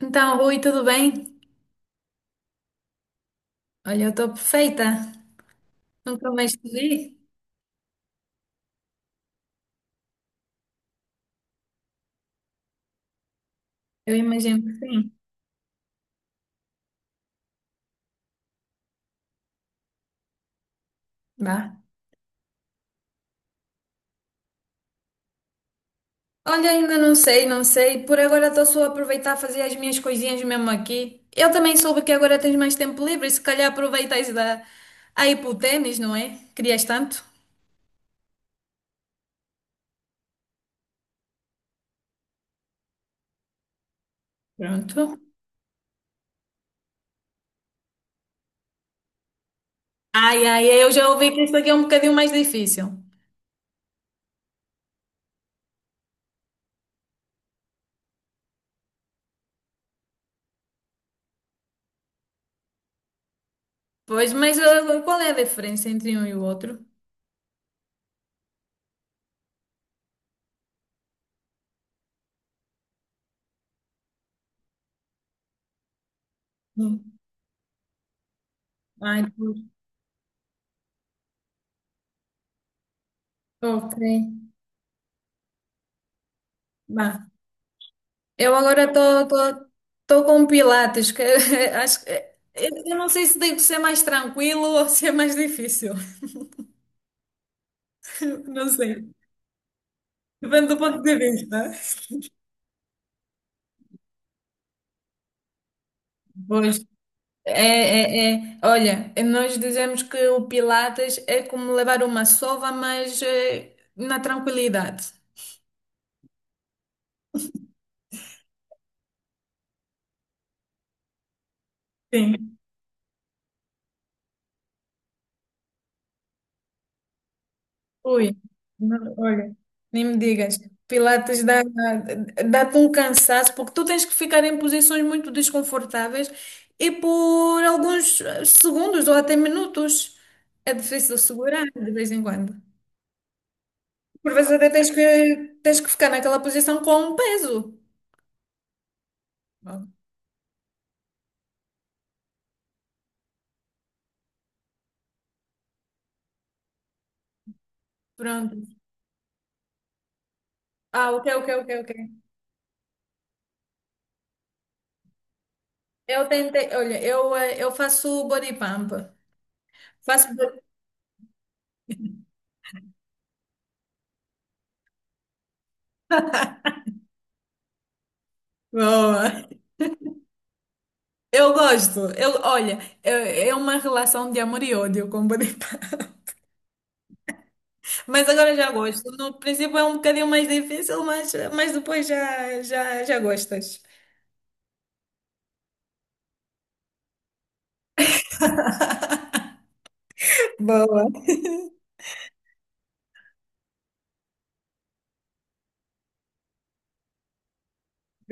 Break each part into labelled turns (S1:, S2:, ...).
S1: Então, Rui, tudo bem? Olha, eu estou perfeita. Nunca mais te vi? Eu imagino que sim. Vá. Olha, ainda não sei, não sei. Por agora estou só a aproveitar a fazer as minhas coisinhas mesmo aqui. Eu também soube que agora tens mais tempo livre, se calhar aproveitas aí para o ténis, não é? Querias tanto? Pronto. Ai, ai, eu já ouvi que este aqui é um bocadinho mais difícil. Pois, mas qual é a diferença entre um e o outro? Hum. Ai, pois. Ok. Vá. Eu agora estou com Pilates, que acho que eu não sei se devo ser mais tranquilo ou ser mais difícil. Não sei. Depende do ponto de vista. Pois. É, é, é. Olha, nós dizemos que o Pilates é como levar uma sova, mas na tranquilidade. Sim. Ui, não, olha, nem me digas. Pilates dá, dá-te um cansaço, porque tu tens que ficar em posições muito desconfortáveis e por alguns segundos ou até minutos. É difícil segurar de vez em quando. Por vezes até tens que ficar naquela posição com um peso. Bom, pronto. Ah, ok, ok, ok, ok. Eu tentei, olha, eu faço body pump. Faço. Boa! Eu gosto. Eu, olha, é uma relação de amor e ódio, como pode. Mas agora já gosto. No princípio é um bocadinho mais difícil, mas depois já gostas. Boa.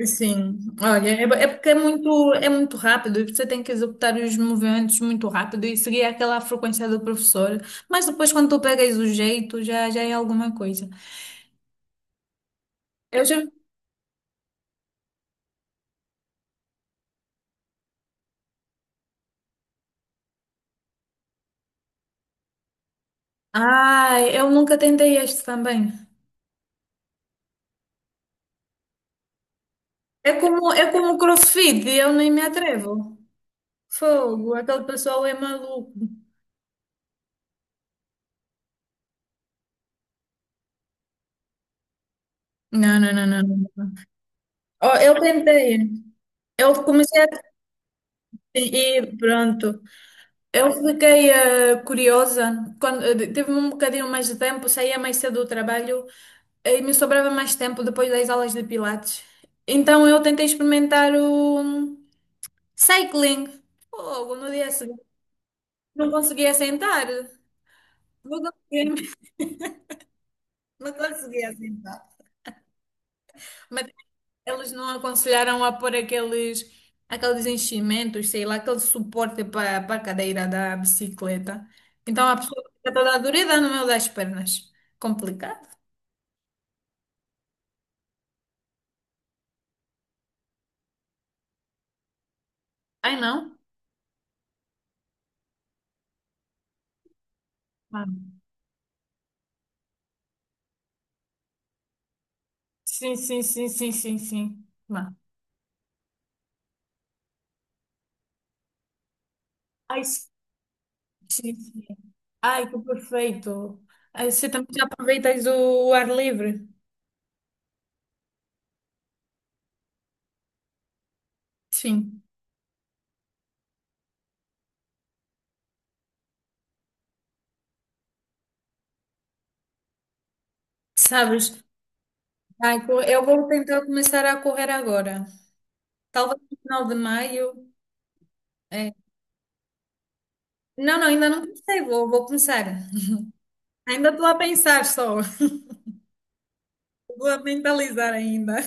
S1: Sim, olha, é porque é muito rápido e você tem que executar os movimentos muito rápido e seguir aquela frequência do professor. Mas depois, quando tu pegas o jeito, já é alguma coisa. Eu já... Ai, eu nunca tentei este também. É como o CrossFit, eu nem me atrevo. Fogo, aquele pessoal é maluco. Não, não, não, não, não. Oh, eu tentei, eu comecei a e pronto. Eu fiquei curiosa. Quando, tive um bocadinho mais de tempo, saía mais cedo do trabalho e me sobrava mais tempo depois das aulas de Pilates. Então eu tentei experimentar o cycling. Fogo, no dia seguinte. Não conseguia sentar. Não conseguia, não conseguia sentar. Mas eles não aconselharam a pôr aqueles, aqueles enchimentos, sei lá, aquele suporte para a cadeira da bicicleta. Então a pessoa fica toda dorida no meio das pernas. Complicado. Ai, não? Ah. Sim, sim, sim, sim, sim, sim. Vá. Ai, sim, sim, sim. Ai, que perfeito. Ai, você também já aproveitas o ar livre? Sim. Sabes? Ai, eu vou tentar começar a correr agora. Talvez no final de maio. É. Não, não, ainda não comecei, vou começar. Ainda estou a pensar só, vou a mentalizar ainda.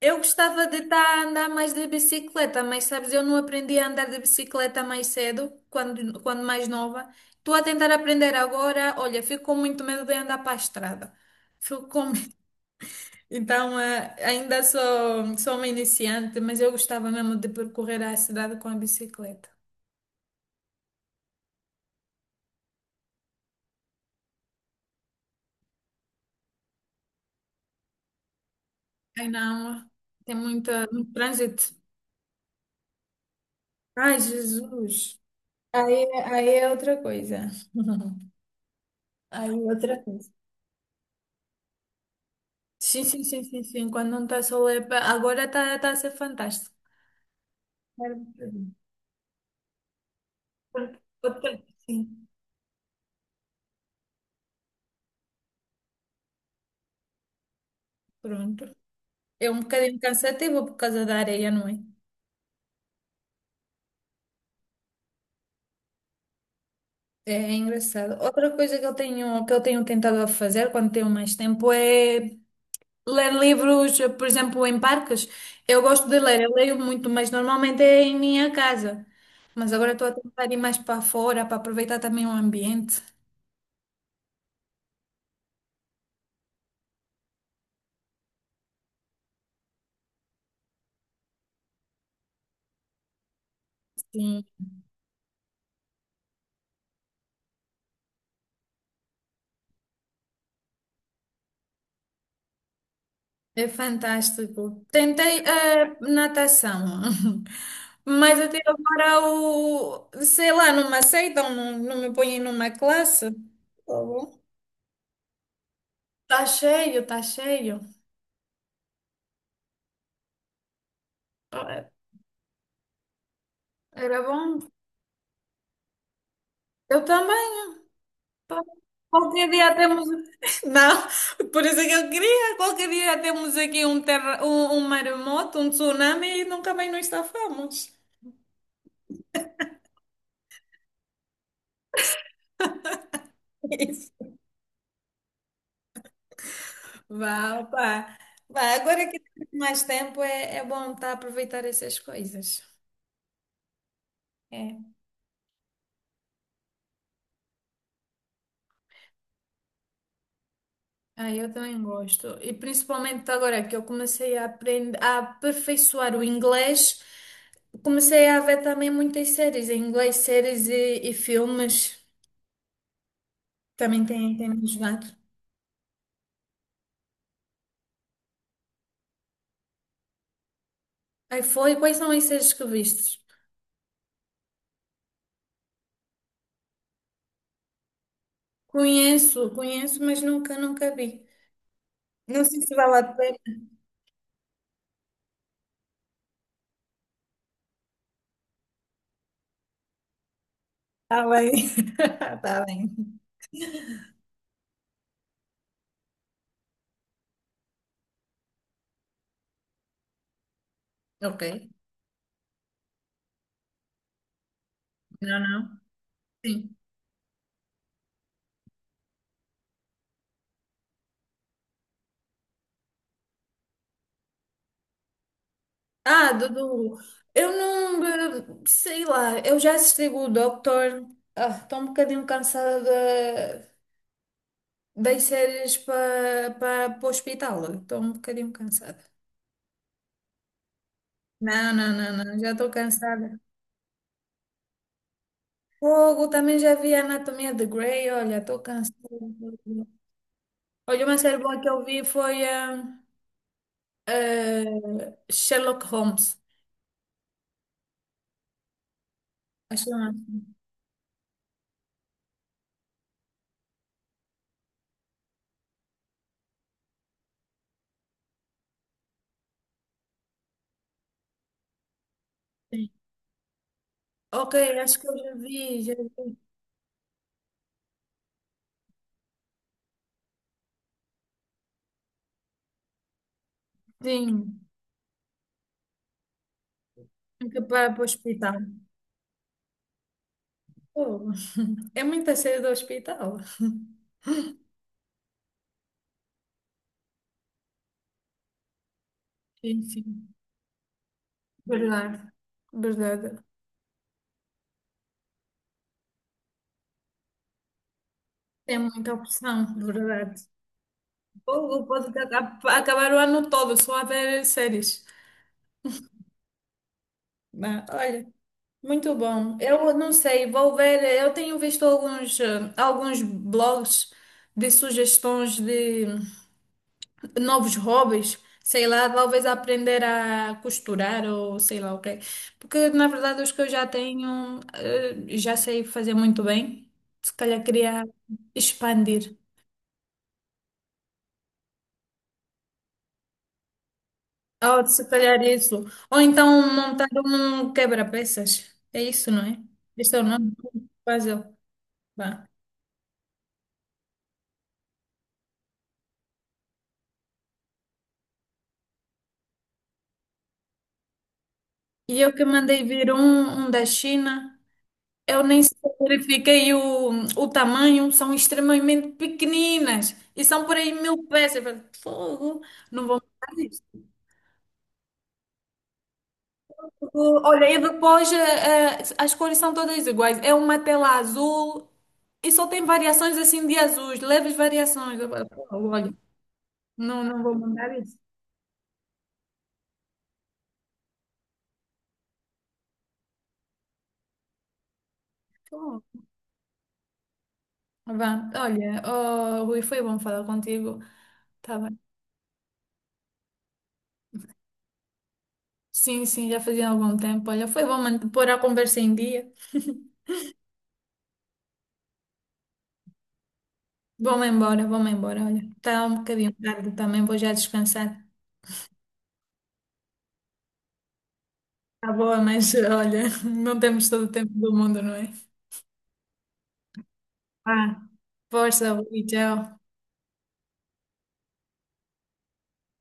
S1: Eu gostava de estar a andar mais de bicicleta, mas sabes, eu não aprendi a andar de bicicleta mais cedo, quando, quando mais nova. Estou a tentar aprender agora, olha, fico com muito medo de andar para a estrada. Fico com... Então, ainda sou uma iniciante, mas eu gostava mesmo de percorrer a cidade com a bicicleta. Ai não, tem muita, muito trânsito. Ai, Jesus. Aí, aí é outra coisa. Aí é outra coisa. Sim, sim, sim, sim, sim. Quando não está sol é agora está tá a ser fantástico. Pronto. Sim, pronto. É um bocadinho cansativo por causa da areia, não é? É engraçado. Outra coisa que eu tenho, tentado fazer quando tenho mais tempo é ler livros, por exemplo, em parques. Eu gosto de ler, eu leio muito, mas normalmente é em minha casa. Mas agora estou a tentar ir mais para fora para aproveitar também o ambiente. Sim, é fantástico. Tentei a natação, mas até agora, sei lá, não me aceitam, não, não me põem numa classe. Tá bom. Tá cheio, tá cheio. Ah, era bom. Eu também. Qualquer dia temos. Não, por isso é que eu queria. Qualquer dia temos aqui um maremoto, um tsunami e nunca mais nos safamos. Vá, opá. Vá, agora que temos mais tempo é bom estar a aproveitar essas coisas. É. Ah, eu também gosto. E principalmente agora que eu comecei a aprender, a aperfeiçoar o inglês, comecei a ver também muitas séries em inglês, séries e filmes. Também tem me ajudado. Aí foi, quais são as séries que vistes? Conheço, conheço, mas nunca, nunca vi. Não sei se vale a pena. Está bem. Está bem. Ok. Não, não. Sim. Ah, Dudu, eu não, sei lá, eu já assisti o Doctor. Ah, estou um bocadinho cansada da- das séries para para o hospital, estou um bocadinho cansada. Não, não, não, não, já estou cansada. Fogo, também já vi a Anatomia de Grey, olha, estou cansada. Olha, uma série boa que eu vi foi Sherlock Holmes, acho que é assim. Sim. Ok, acho que eu já vi, sim, tem que parar para o hospital. Oh, é muito cedo do hospital. Sim, sim. Verdade, verdade. Tem muita opção, verdade. Ou pode acabar o ano todo só a ver séries. Mas, olha, muito bom. Eu não sei, vou ver. Eu tenho visto alguns blogs de sugestões de novos hobbies, sei lá, talvez aprender a costurar ou sei lá o quê. Porque na verdade os que eu já tenho, já sei fazer muito bem. Se calhar queria expandir. Ou se calhar isso. Ou então montar um quebra-peças. É isso, não é? Este é o nome do puzzle. Vá. E eu que mandei vir um da China. Eu nem sei se eu verifiquei o tamanho, são extremamente pequeninas e são por aí 1.000 peças. Eu falei, fogo, não vou mudar isto. Olha, e depois as cores são todas iguais. É uma tela azul e só tem variações assim de azuis, leves variações. Eu falei, fogo, olha, não, não vou mudar isso. Fogo. Vá, olha, oh, Rui, foi bom falar contigo. Tá bem. Sim, sim, já fazia algum tempo. Olha, foi bom pôr a conversa em dia. Vou-me embora, vou-me embora. Olha, está um bocadinho tarde também, vou já descansar. Está boa, mas olha, não temos todo o tempo do mundo, não é? Ah, força, e tchau.